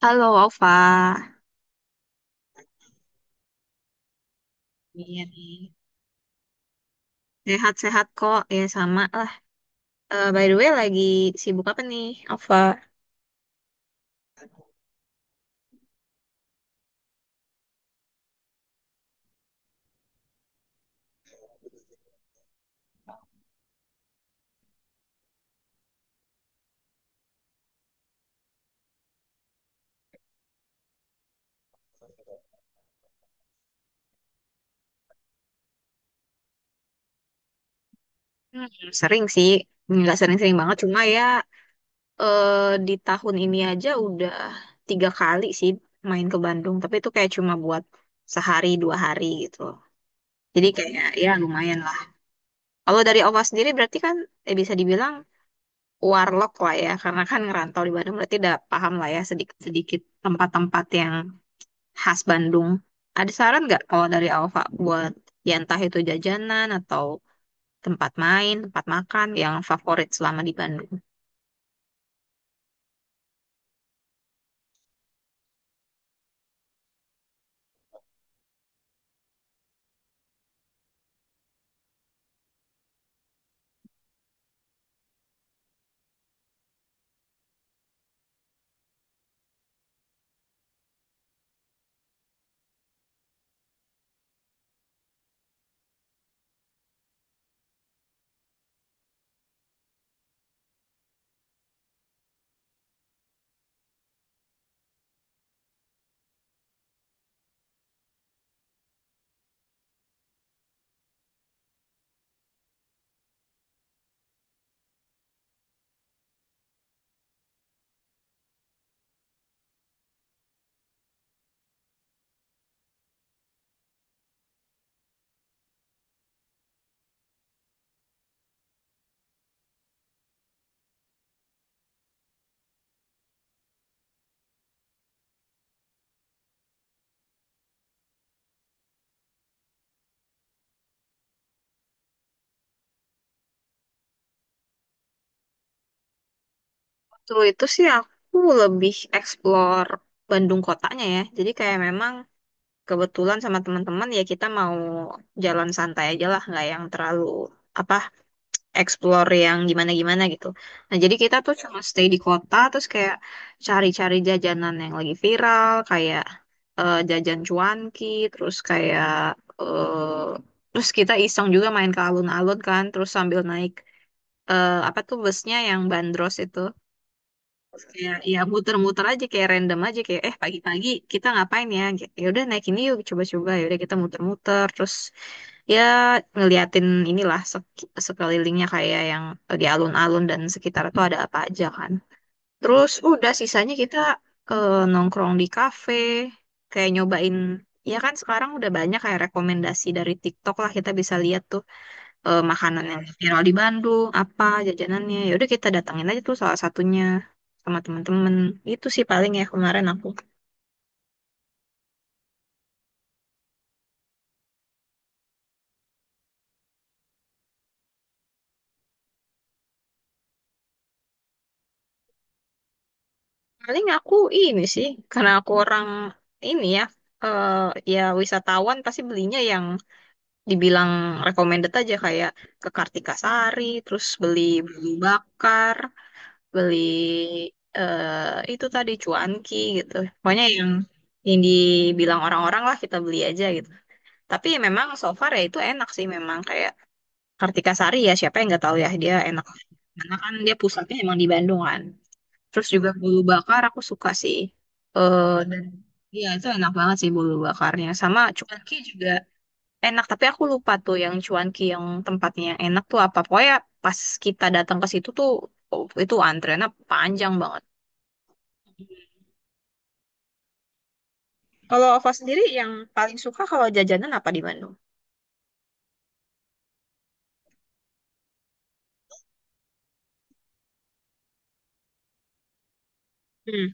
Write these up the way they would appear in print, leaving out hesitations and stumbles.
Halo Ova, iya nih. Sehat-sehat kok, ya sama lah. Eh, by the way, lagi sibuk apa nih, Ova? Hmm, sering sih, nggak sering-sering banget, cuma ya eh, di tahun ini aja udah 3 kali sih main ke Bandung, tapi itu kayak cuma buat sehari dua hari gitu. Jadi kayak ya lumayan lah. Kalau dari Ova sendiri berarti kan bisa dibilang warlock lah ya, karena kan ngerantau di Bandung berarti udah paham lah ya sedikit-sedikit tempat-tempat yang khas Bandung. Ada saran nggak kalau dari Alfa buat ya entah itu jajanan atau tempat main, tempat makan yang favorit selama di Bandung? Waktu itu sih aku lebih explore Bandung kotanya ya. Jadi kayak memang kebetulan sama teman-teman ya kita mau jalan santai aja lah, nggak yang terlalu apa explore yang gimana-gimana gitu. Nah, jadi kita tuh cuma stay di kota, terus kayak cari-cari jajanan yang lagi viral, kayak jajan cuanki, terus kayak eh, terus kita iseng juga main ke alun-alun kan, terus sambil naik apa tuh busnya yang bandros itu, kayak ya muter-muter aja kayak random aja kayak eh pagi-pagi kita ngapain ya? Ya udah naik ini yuk coba-coba, ya udah kita muter-muter, terus ya ngeliatin inilah sekelilingnya kayak yang di alun-alun dan sekitar itu ada apa aja kan. Terus udah sisanya kita nongkrong di kafe, kayak nyobain ya kan sekarang udah banyak kayak rekomendasi dari TikTok lah kita bisa lihat tuh makanan yang viral di Bandung apa jajanannya ya udah kita datangin aja tuh salah satunya sama temen-temen itu sih paling ya kemarin aku paling aku ini sih, karena aku orang ini ya, eh ya wisatawan pasti belinya yang dibilang recommended aja kayak ke Kartika Sari, terus beli beli bakar, beli itu tadi cuanki gitu. Pokoknya yang dibilang orang-orang lah kita beli aja gitu. Tapi ya memang so far ya itu enak sih memang kayak Kartika Sari ya siapa yang nggak tahu ya dia enak. Karena kan dia pusatnya emang di Bandung kan. Terus juga bulu bakar aku suka sih. Eh dan iya itu enak banget sih bulu bakarnya. Sama cuanki juga enak, tapi aku lupa tuh yang cuanki yang tempatnya yang enak tuh apa. Pokoknya pas kita datang ke situ tuh oh, itu antreannya panjang banget. Kalau Ova sendiri yang paling suka kalau jajanan apa di Bandung? Hmm,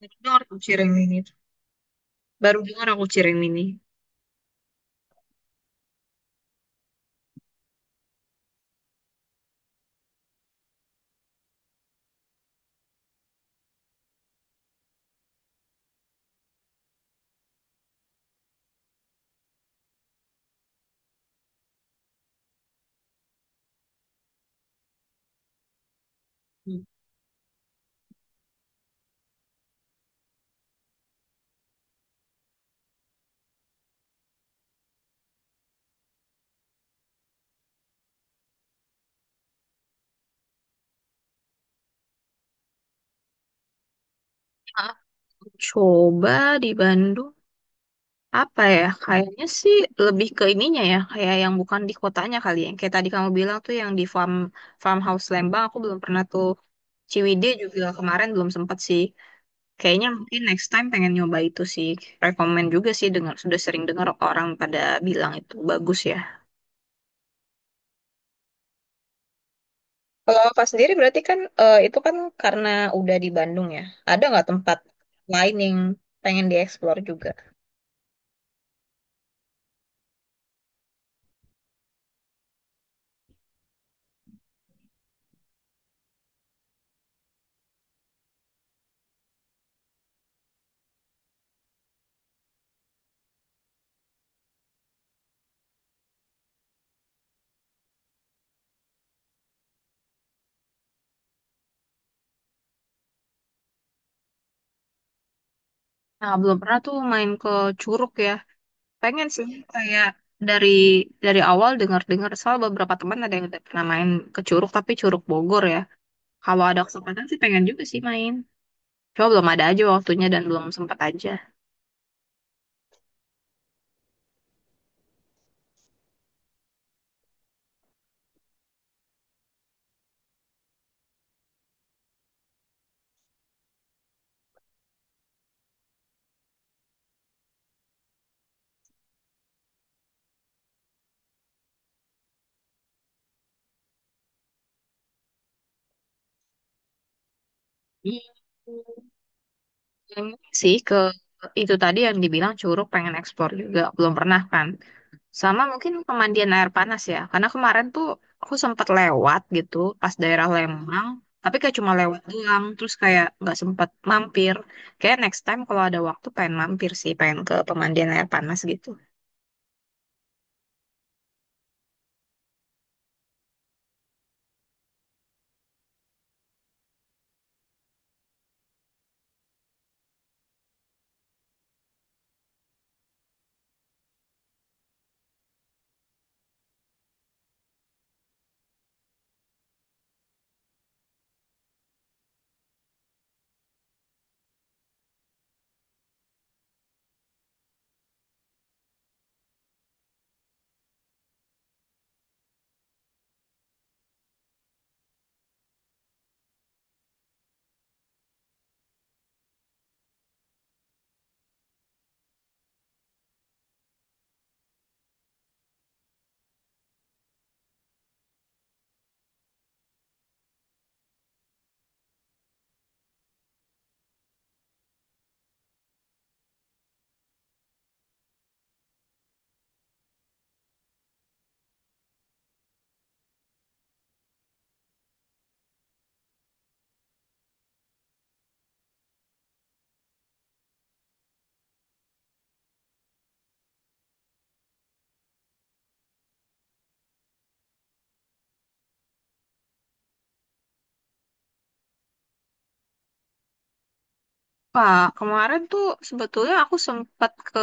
baru dengar tuh cireng mini. Baru dengar aku cireng mini. Hmm. Aku coba di Bandung apa ya? Kayaknya sih lebih ke ininya ya, kayak yang bukan di kotanya kali ya. Yang kayak tadi kamu bilang tuh yang di farmhouse Lembang, aku belum pernah tuh. Ciwidey juga kemarin belum sempat sih. Kayaknya mungkin next time pengen nyoba itu sih. Rekomen juga sih dengar sudah sering dengar orang pada bilang itu bagus ya. Kalau Kak sendiri berarti kan itu kan karena udah di Bandung ya. Ada nggak tempat lain yang pengen dieksplor juga? Nah, belum pernah tuh main ke Curug ya. Pengen sih kayak dari dari awal dengar-dengar soal beberapa teman ada yang udah pernah main ke Curug tapi Curug Bogor ya. Kalau ada kesempatan sih pengen juga sih main. Cuma belum ada aja waktunya dan belum sempat aja. Hmm, pengen sih ke itu tadi yang dibilang Curug pengen eksplor juga belum pernah kan. Sama mungkin pemandian air panas ya. Karena kemarin tuh aku sempat lewat gitu pas daerah Lembang. Tapi kayak cuma lewat doang. Terus kayak nggak sempat mampir. Kayak next time kalau ada waktu pengen mampir sih. Pengen ke pemandian air panas gitu. Pak, kemarin tuh sebetulnya aku sempat ke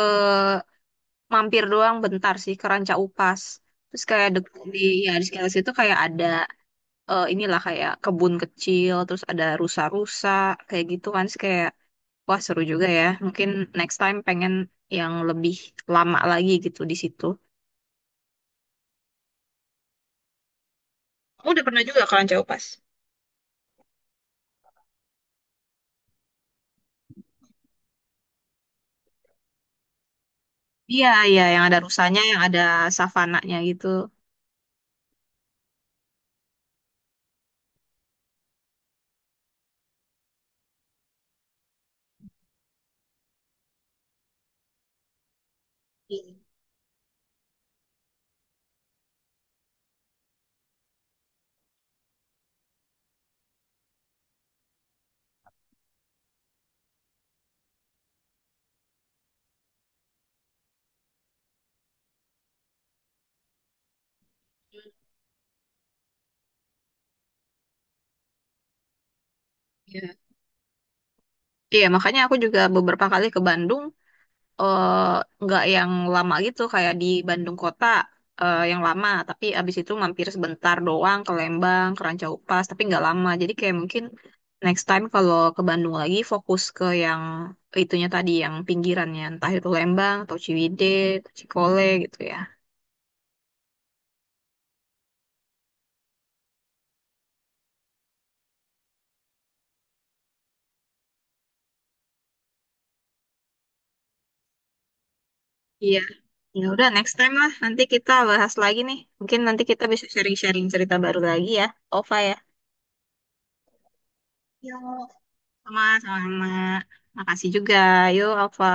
mampir doang bentar sih ke Ranca Upas. Terus kayak di ya di sekitar situ kayak ada inilah kayak kebun kecil, terus ada rusa-rusa kayak gitu kan. Terus kayak wah, seru juga ya. Mungkin next time pengen yang lebih lama lagi gitu di situ. Kamu udah pernah juga ke Ranca Upas? Iya, iya, yang ada rusanya, yang ada savananya gitu. Iya. Iya. Iya, makanya aku juga beberapa kali ke Bandung, eh, nggak yang lama gitu kayak di Bandung kota yang lama tapi abis itu mampir sebentar doang ke Lembang ke Ranca Upas tapi nggak lama jadi kayak mungkin next time kalau ke Bandung lagi fokus ke yang itunya tadi yang pinggirannya entah itu Lembang atau Ciwidey atau Cikole gitu ya iya ya udah next time lah nanti kita bahas lagi nih mungkin nanti kita bisa sharing-sharing cerita baru lagi ya Ova ya. Yuk, sama-sama makasih juga yuk Ova.